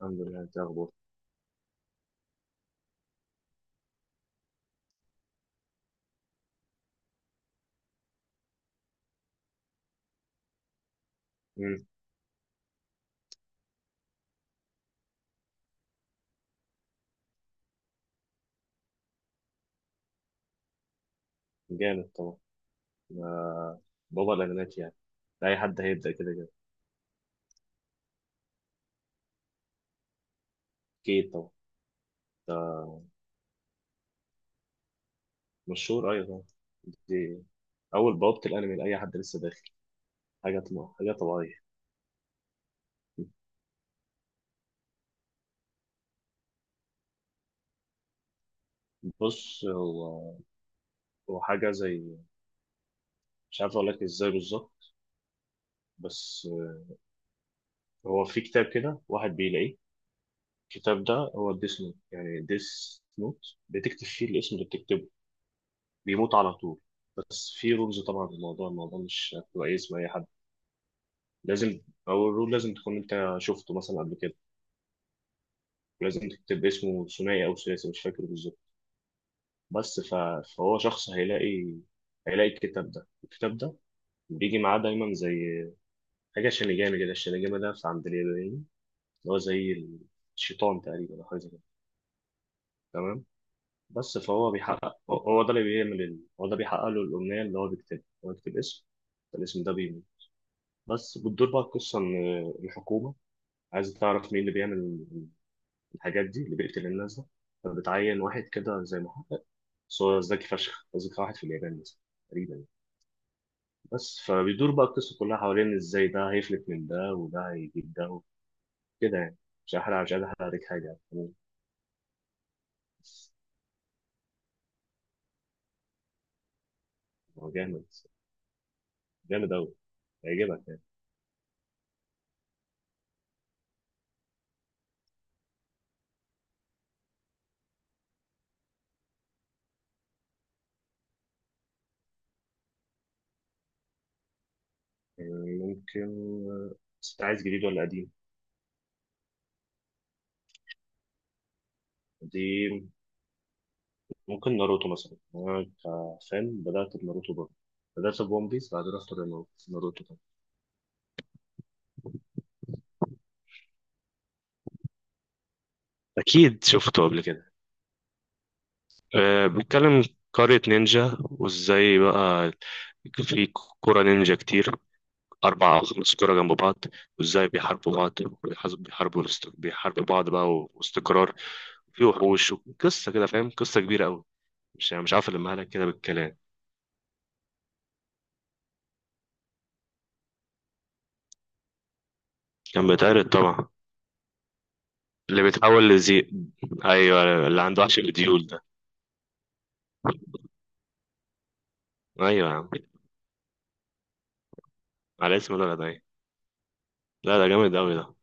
الحمد لله، انت اخبار؟ امم جامد طبعا. ما بابا الاغنات يعني، اي حد هيبدا كده كده. اكيد طبعا. ده مشهور ايوه طبعا. دي اول بوابه الانمي لاي حد لسه داخل، حاجه طبعا. حاجه طبيعيه. بص، هو حاجه زي، مش عارف اقول لك ازاي بالظبط، بس هو في كتاب كده واحد بيلاقيه. الكتاب ده هو ديس نوت، يعني ديس نوت بتكتب فيه الاسم اللي بتكتبه بيموت على طول. بس في رمز طبعا للموضوع، الموضوع مش كويس، ما لازم او الرول لازم تكون انت شفته مثلا قبل كده، ولازم تكتب اسمه ثنائي او ثلاثي مش فاكر بالظبط. بس ف... فهو شخص هيلاقي، هيلاقي الكتاب ده. الكتاب ده بيجي معاه دايما زي حاجه شينيجامي كده. الشينيجامي ده في عند اليابانيين، اللي هو زي الشيطان تقريبا او حاجه زي كده. تمام. بس فهو بيحقق، هو ده اللي بيعمل هو ده بيحقق له الامنيه اللي هو بيكتبها. هو بيكتب اسم فالاسم ده بيموت. بس بتدور بقى القصه ان الحكومه عايزه تعرف مين اللي بيعمل الحاجات دي، اللي بيقتل الناس ده. فبتعين واحد كده زي محقق، بس هو ذكي فشخ، أذكى واحد في اليابان مثلا تقريبا يعني. بس فبيدور بقى القصة كلها حوالين إزاي ده هيفلت من ده، وده هيجيب ده، كده يعني. مش هحرق، مش عايز أحرق عليك حاجة يعني. بس هو جامد، جامد أوي، هيعجبك يعني. يعني ممكن، بس أنت عايز جديد ولا قديم؟ قديم. ممكن ناروتو مثلا، أنا كفان بدأت بناروتو برضه، بدأت بون بيس بعد رحت لناروتو. اكيد شفته قبل كده. آه، بنتكلم قرية نينجا وازاي بقى في كرة نينجا كتير، أربع أو خمس كرة جنب بعض، وازاي بيحاربوا بعض بيحاربوا بعض بقى واستقرار. في وحوش. قصة كده، فاهم؟ قصة كبيرة أوي، مش عارف ألمها لك كده بالكلام. كان بيتعرض طبعا. اللي بيتحول لذئب. أيوه، اللي عنده وحش الديول ده. أيوه يا عم، على اسم ده أيوة. لا ده جامد أوي ده.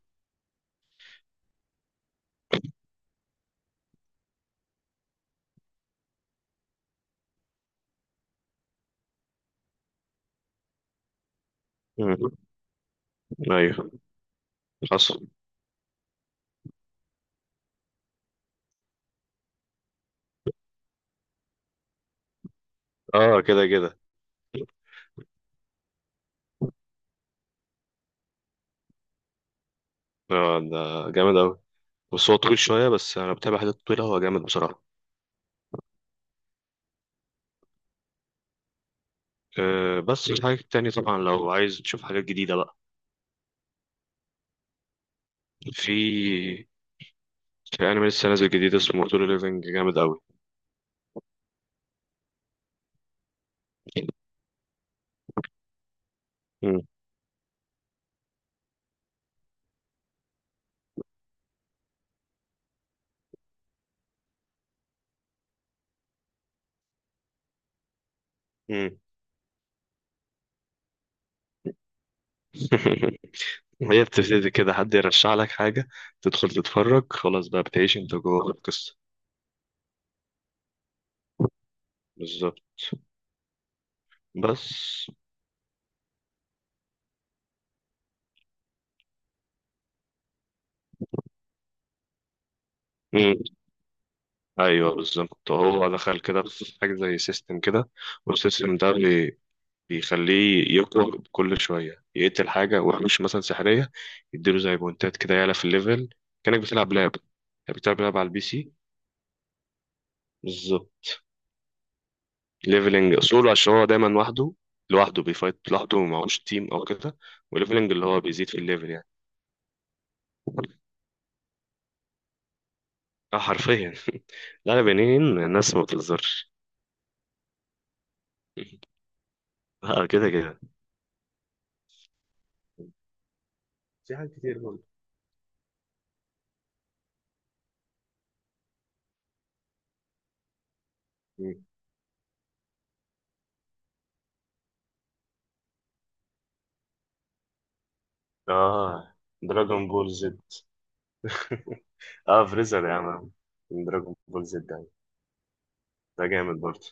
مم. أيوه. حصل. أه كده كده. أه ده جامد أوي، بس هو طويل شوية، بس أنا بتابع حاجات طويلة، هو جامد بصراحة. أه بس في حاجات تانية طبعا لو عايز تشوف حاجات جديدة بقى. في في أنمي لسه نازل جديد اسمه سولو ليفينج، جامد أوي. مم. مم. هي بتبتدي كده، حد يرشح لك حاجة، تدخل تتفرج، خلاص بقى بتعيش انت جوه القصة. بالظبط. بس. مم. ايوه بالظبط، هو دخل كده في حاجة زي سيستم كده، والسيستم ده بي- بيخليه يقرأ كل شوية يقتل حاجة ومش مثلا سحرية، يديله زي بونتات كده، يعلى في الليفل، كأنك بتلعب لعب، يعني بتلعب لعب على البي سي. بالظبط. ليفلنج سولو عشان هو دايما وحده، لوحده بيفايت، لوحده معهوش تيم أو كده. وليفلنج اللي هو بيزيد في الليفل يعني. اه حرفيا. لا لا، بنين، الناس ما بتهزرش. اه كده كده. في حاجات كتير برضه. مم. اه دراجون بول زد. اه فريزر يا عم، دراجون بول زد ده. ده جامد برضه.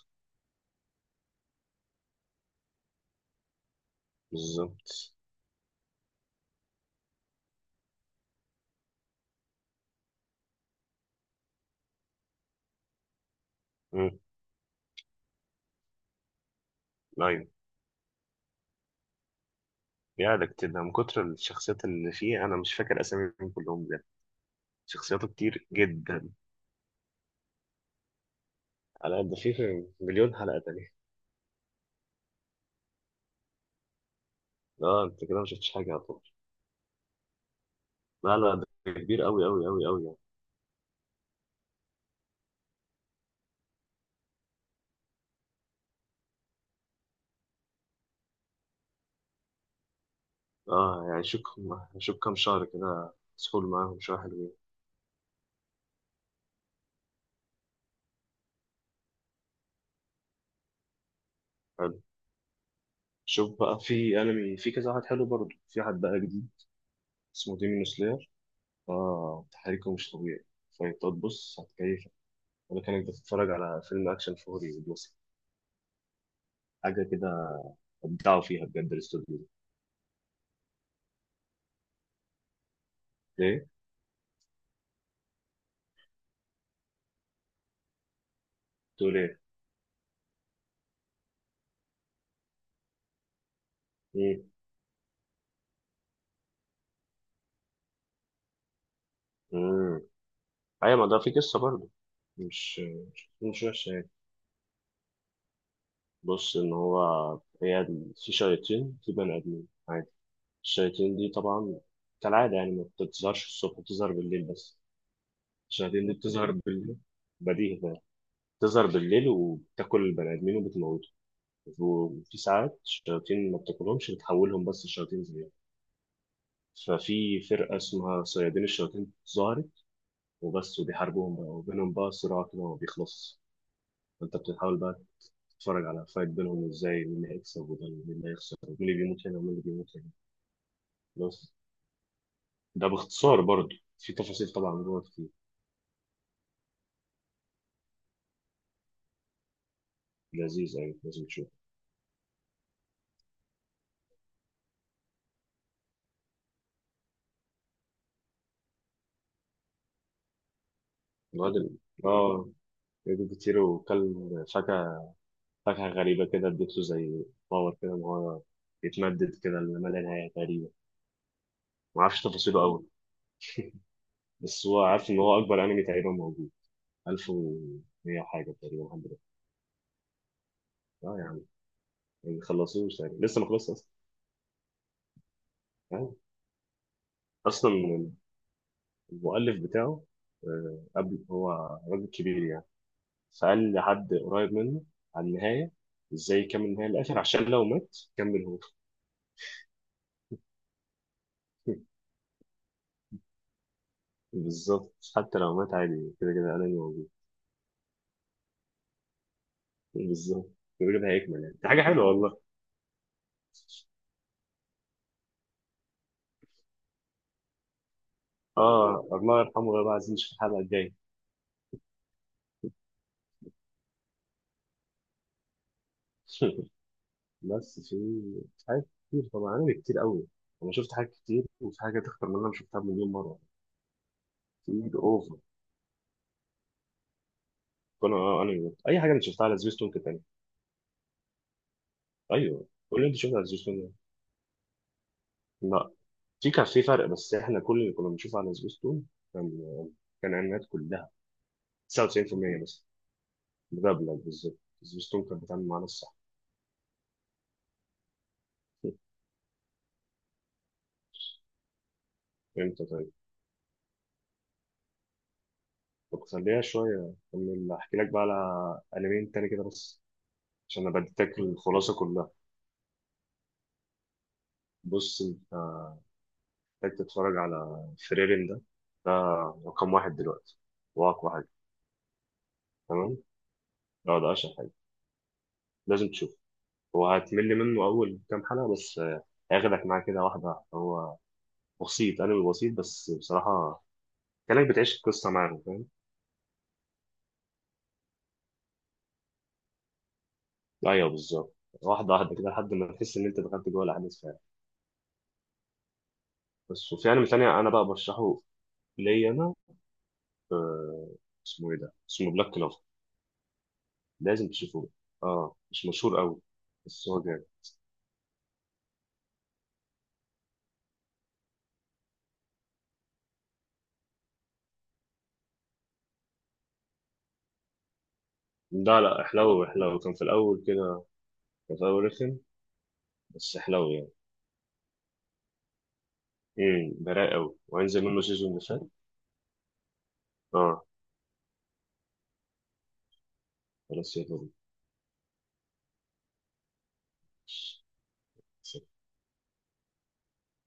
بالظبط. امم. ايوه. ده كتير، ده من كتر الشخصيات اللي فيه انا مش فاكر اساميهم كلهم بجد، شخصياته كتير جدا. على قد فيه مليون حلقه تانية. اه انت كده ما شفتش حاجه على طول. لا لا ده كبير قوي قوي قوي قوي يعني. اه يعني شوف، شوف كام شهر كده سحول معاهم شويه حلوين. حلو. شوف بقى في انمي، في كذا واحد حلو برضه، في حد بقى جديد اسمه ديمون سلاير. اه تحريكه مش طبيعي، فانت تبص هتكيفك، ولا كانك بتتفرج على فيلم اكشن فوري مثلا، حاجه كده. ابدعوا فيها بجد الاستوديو ده. ليه؟ تقول ايه؟ مم. مم. ايوه، ما ده في قصه برضه، مش مش وحشه يعني. بص، ان هو، في شياطين، في بني ادمين عادي. الشياطين دي طبعا، كالعاده يعني ما بتظهرش الصبح، بتظهر بالليل بس. الشياطين دي بتظهر بالليل، بديهي ده. بتظهر بالليل وبتاكل البني ادمين وبتموته. وفي ساعات الشياطين ما بتاكلهمش، بتحولهم بس لشياطين زيهم. ففي فرقه اسمها صيادين الشياطين ظهرت، وبس، وبيحاربوهم بقى، وبينهم بقى صراع كده ما بيخلصش. فانت بتحاول بقى تتفرج على فايت بينهم ازاي، مين اللي هيكسب وده، مين اللي هيخسر، ومين اللي بيموت هنا ومين اللي بيموت هنا. بس. ده باختصار، برضه في تفاصيل طبعا جوه كتير. لذيذ يعني، لازم تشوف. الواد ال- اه جاب كتير، وكل فاكهة، فاكهة غريبة كده، اديته زي باور كده، ان هو يتمدد كده لما لا نهاية تقريبا. ما اعرفش تفاصيله قوي، بس هو عارف ان هو اكبر انمي تقريبا موجود، 1100 حاجة تقريبا، 100. اه يا عم، ما خلصوش يعني، لسه ما خلصش اصلا يعني. اصلا المؤلف بتاعه، آه، قبل، هو راجل كبير يعني، فقال لحد قريب منه على النهايه، ازاي يكمل النهايه للاخر عشان لو مات كمل هو. بالظبط، حتى لو مات عادي، كده كده انا موجود. بالظبط، كده كده هيكمل يعني، دي حاجه حلوه والله. اه الله يرحمه ويبقى عزيز في الحلقه الجايه. بس في، في حاجات كتير طبعا، انا كتير قوي، انا شفت حاجات كتير، وفي حاجات اكتر من اللي انا شفتها مليون مره. كتير اوفر. اه انمي، اي حاجه انت شفتها على سبيستون كانت انمي. ايوه كل اللي انت شفتها على سبيستون ده. لا، في كان في فرق، بس احنا كل اللي كنا بنشوفه على سبيستون كان، آه، كان انميات كلها، 99% بس. مدبلج بالظبط. سبيستون كان بيتعامل معانا الصح. امتى طيب؟ طب خليها شويه، اكمل احكي لك بقى على انميين تاني كده، بس عشان انا بديتك الخلاصه كلها. بص، انت محتاج تتفرج على فريرين ده. ده رقم واحد دلوقتي، واقوى حاجه. تمام. اه ده اشهر حاجه، لازم تشوفه. هو هتمل منه أول كام حلقة بس، آه، هياخدك معاه كده واحدة واحدة. هو بسيط، أنا بسيط بس بصراحة كأنك بتعيش القصة معاهم، فاهم؟ أيوه بالظبط، واحدة واحدة كده لحد ما تحس إن أنت دخلت جوه الأحداث فعلا. بس، وفي أنمي تاني أنا بقى برشحه ليا أنا، اسمه إيه ده؟ اسمه بلاك كلوف. لازم تشوفوه. أه مش مشهور أوي بس هو جامد. لا لا، حلو حلو، كان في الأول كده، كان في الأول رخم، بس حلو يعني. براء أوي، وهينزل منه سيزون اللي فات. أه خلاص يلا بينا.